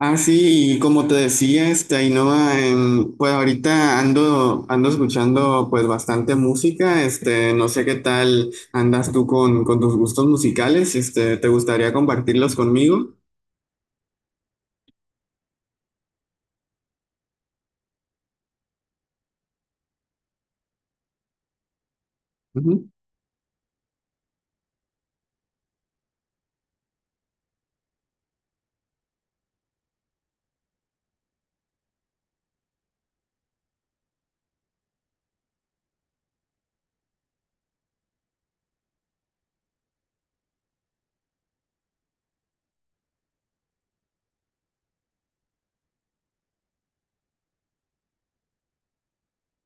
Ah, sí, y como te decía, Ainhoa, pues ahorita ando escuchando pues bastante música. No sé qué tal andas tú con tus gustos musicales. ¿Te gustaría compartirlos conmigo?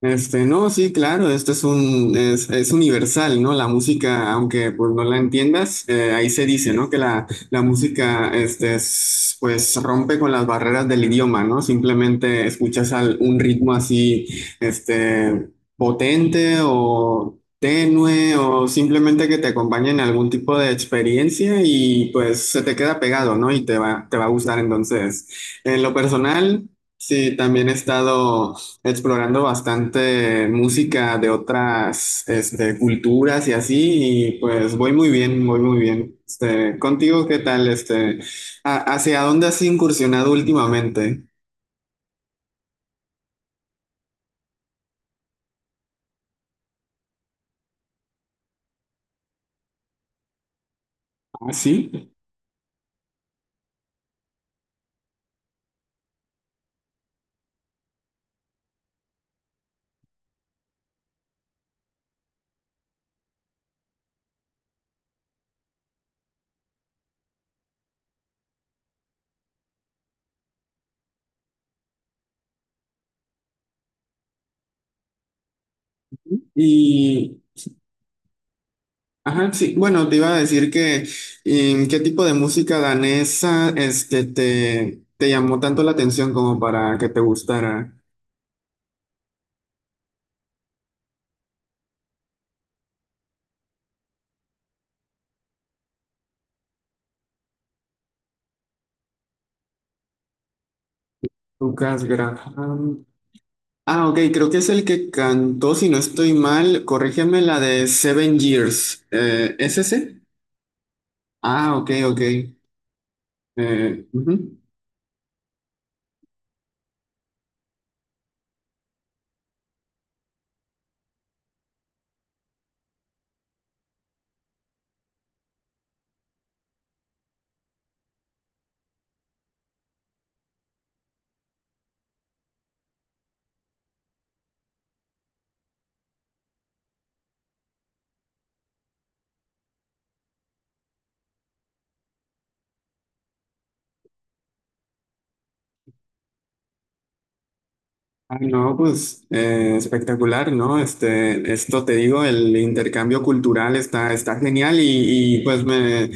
Este, no, sí, claro, esto es un, es universal, ¿no? La música, aunque pues no la entiendas, ahí se dice, ¿no? Que la música, pues rompe con las barreras del idioma, ¿no? Simplemente un ritmo así, este, potente o tenue o simplemente que te acompañe en algún tipo de experiencia y pues se te queda pegado, ¿no? Y te va a gustar. Entonces, en lo personal... Sí, también he estado explorando bastante música de otras culturas y así, y pues voy muy bien, voy muy bien. Contigo, ¿qué tal? ¿Hacia dónde has incursionado últimamente? Ah, sí. Y, ajá, sí, bueno, te iba a decir que, ¿qué tipo de música danesa te llamó tanto la atención como para que te gustara? Lucas Graham. Ah, ok, creo que es el que cantó, si no estoy mal, corrígeme la de Seven Years. ¿Es ese? Ah, ok, ok. Ujú. Ah, no, pues espectacular, ¿no? Esto te digo, el intercambio cultural está genial y, pues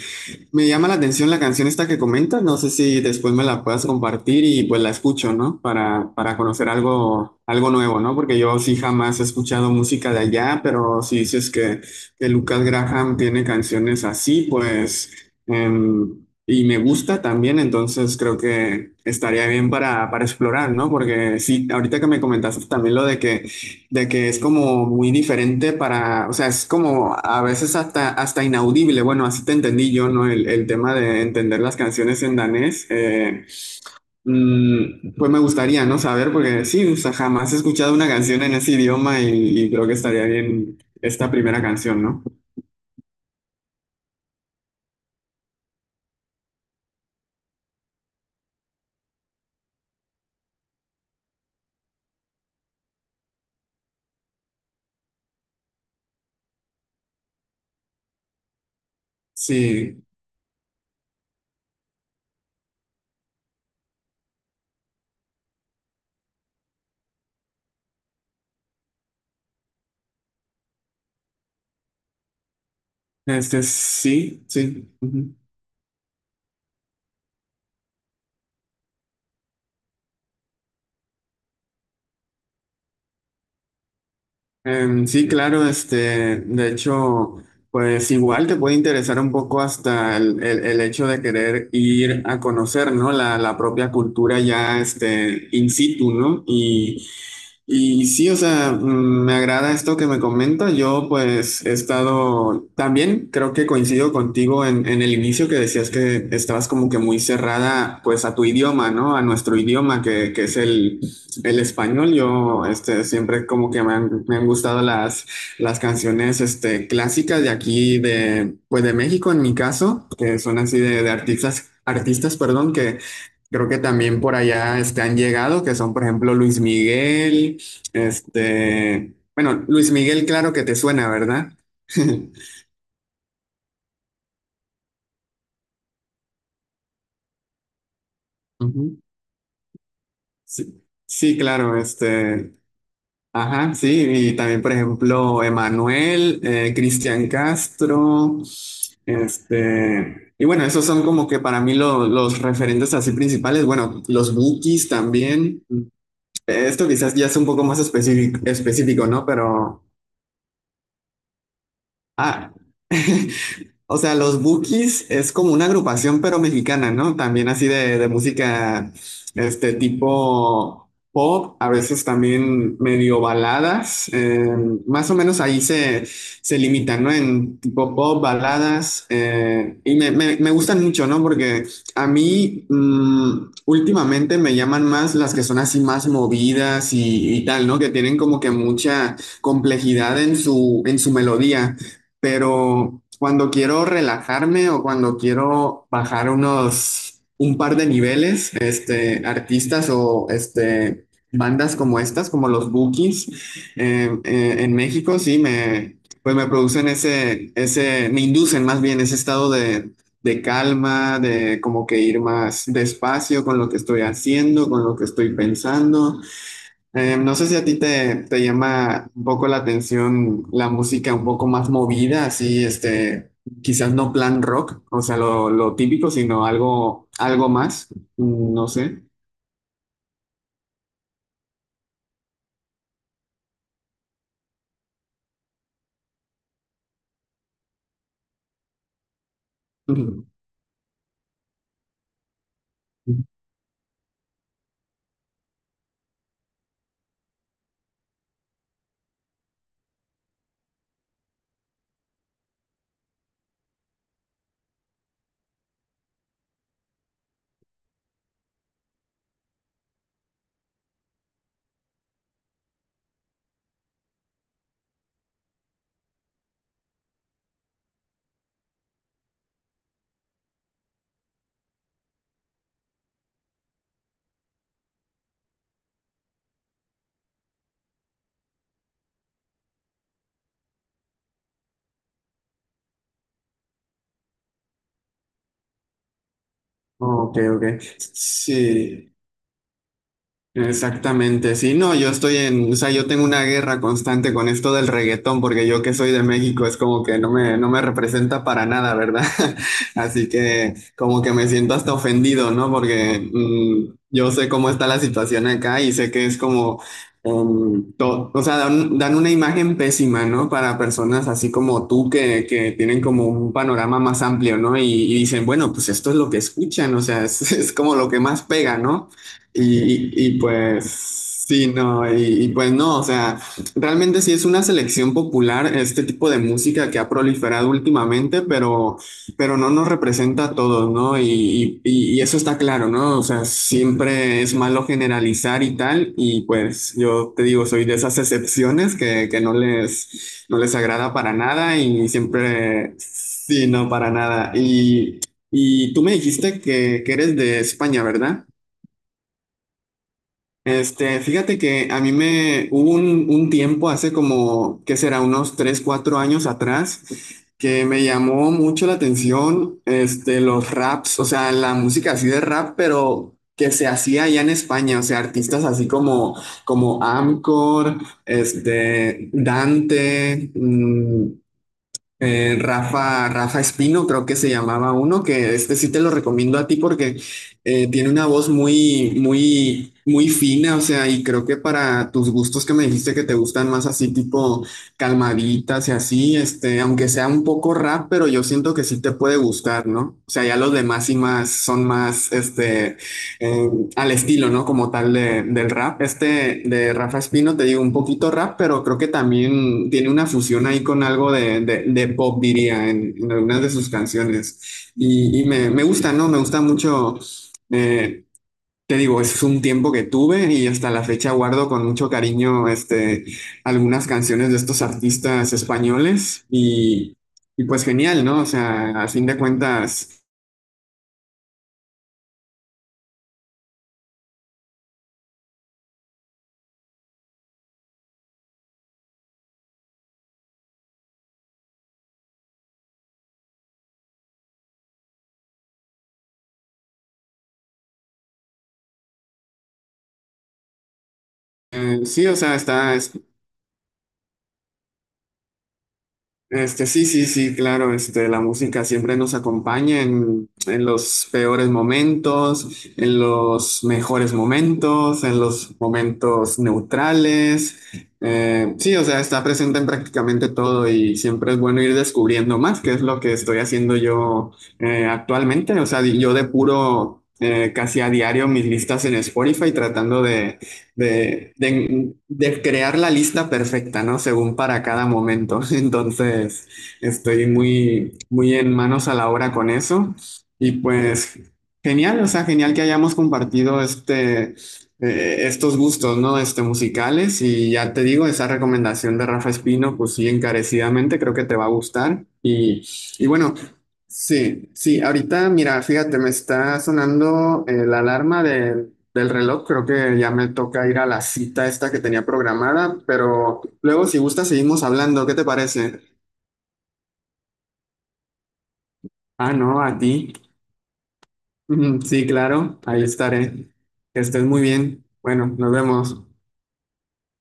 me llama la atención la canción esta que comentas. No sé si después me la puedas compartir y pues la escucho, ¿no? Para conocer algo, algo nuevo, ¿no? Porque yo sí jamás he escuchado música de allá, pero si dices que Lucas Graham tiene canciones así, pues, y me gusta también, entonces creo que estaría bien para explorar, ¿no? Porque sí, ahorita que me comentaste también lo de que es como muy diferente para, o sea, es como a veces hasta inaudible. Bueno, así te entendí yo, ¿no? El tema de entender las canciones en danés. Pues me gustaría, ¿no? Saber, porque sí, o sea, jamás he escuchado una canción en ese idioma y creo que estaría bien esta primera canción, ¿no? Sí, este sí, sí. Sí, claro, de hecho, pues igual te puede interesar un poco hasta el hecho de querer ir a conocer, ¿no? La propia cultura ya, in situ, ¿no? Y sí, o sea, me agrada esto que me comenta. Yo pues he estado, también creo que coincido contigo en el inicio que decías que estabas como que muy cerrada pues a tu idioma, ¿no? A nuestro idioma que es el español. Yo siempre como que me han gustado las canciones clásicas de aquí, de, pues de México en mi caso, que son así de artistas, perdón, que... Creo que también por allá han llegado, que son, por ejemplo, Luis Miguel, bueno, Luis Miguel, claro que te suena, ¿verdad? Ujú. Sí, sí, claro, ajá, sí, y también, por ejemplo, Emanuel, Cristian Castro, y bueno, esos son como que para mí los referentes así principales, bueno, los Bukis también, esto quizás ya es un poco más específico, ¿no? Pero, ah, o sea, los Bukis es como una agrupación pero mexicana, ¿no? También así de música, este tipo pop, a veces también medio baladas, más o menos ahí se limitan, ¿no? En tipo pop, baladas, y me gustan mucho, ¿no? Porque a mí últimamente me llaman más las que son así más movidas y tal, ¿no? Que tienen como que mucha complejidad en su melodía, pero cuando quiero relajarme o cuando quiero bajar un par de niveles, artistas o bandas como estas, como los Bookies, en México, sí, pues me producen me inducen más bien ese estado de calma, de como que ir más despacio con lo que estoy haciendo, con lo que estoy pensando. No sé si a ti te llama un poco la atención la música un poco más movida, así, quizás no plan rock, o sea, lo típico, sino algo, algo más, no sé. Ujú. Ok, ok. Sí. Exactamente, sí, no, yo estoy en, o sea, yo tengo una guerra constante con esto del reggaetón, porque yo que soy de México es como que no no me representa para nada, ¿verdad? Así que como que me siento hasta ofendido, ¿no? Porque yo sé cómo está la situación acá y sé que es como, o sea, dan una imagen pésima, ¿no? Para personas así como tú que tienen como un panorama más amplio, ¿no? Y dicen, bueno, pues esto es lo que escuchan, o sea, es como lo que más pega, ¿no? Pues sí, pues no, o sea, realmente sí es una selección popular este tipo de música que ha proliferado últimamente, pero no nos representa a todos, ¿no? Y eso está claro, ¿no? O sea, siempre es malo generalizar y tal, y pues yo te digo, soy de esas excepciones que no no les agrada para nada y siempre, sí, no, para nada. Y tú me dijiste que eres de España, ¿verdad? Fíjate que a mí me hubo un tiempo hace como, ¿qué será? Unos 3 4 años atrás, que me llamó mucho la atención, los raps, o sea, la música así de rap, pero que se hacía allá en España, o sea, artistas así como Amcor, Dante, Rafa Espino, creo que se llamaba uno, que este sí te lo recomiendo a ti porque tiene una voz muy fina, o sea, y creo que para tus gustos que me dijiste que te gustan más así, tipo calmaditas y así, aunque sea un poco rap, pero yo siento que sí te puede gustar, ¿no? O sea, ya los demás y más son más, eh, al estilo, ¿no? Como tal del rap. Este de Rafa Espino, te digo, un poquito rap, pero creo que también tiene una fusión ahí con algo de pop, diría, algunas de sus canciones. Gusta, ¿no? Me gusta mucho. Eh, Te digo, es un tiempo que tuve y hasta la fecha guardo con mucho cariño algunas canciones de estos artistas españoles y pues genial, ¿no? O sea, a fin de cuentas, sí, o sea, este, sí, sí, sí, claro, la música siempre nos acompaña en los peores momentos, en los mejores momentos, en los momentos neutrales. Sí, o sea, está presente en prácticamente todo y siempre es bueno ir descubriendo más, que es lo que estoy haciendo yo actualmente. O sea, yo depuro casi a diario mis listas en Spotify tratando de de crear la lista perfecta, ¿no? Según para cada momento. Entonces, estoy muy en manos a la obra con eso. Y pues, genial, o sea, genial que hayamos compartido estos gustos, ¿no? Musicales. Y ya te digo, esa recomendación de Rafa Espino, pues sí, encarecidamente creo que te va a gustar. Y bueno. Sí, sí, ahorita mira, fíjate, me está sonando la alarma de del reloj, creo que ya me toca ir a la cita esta que tenía programada, pero luego si gusta seguimos hablando, ¿qué te parece? Ah, no, a ti. Sí, claro, ahí estaré. Que estés muy bien. Bueno, nos vemos.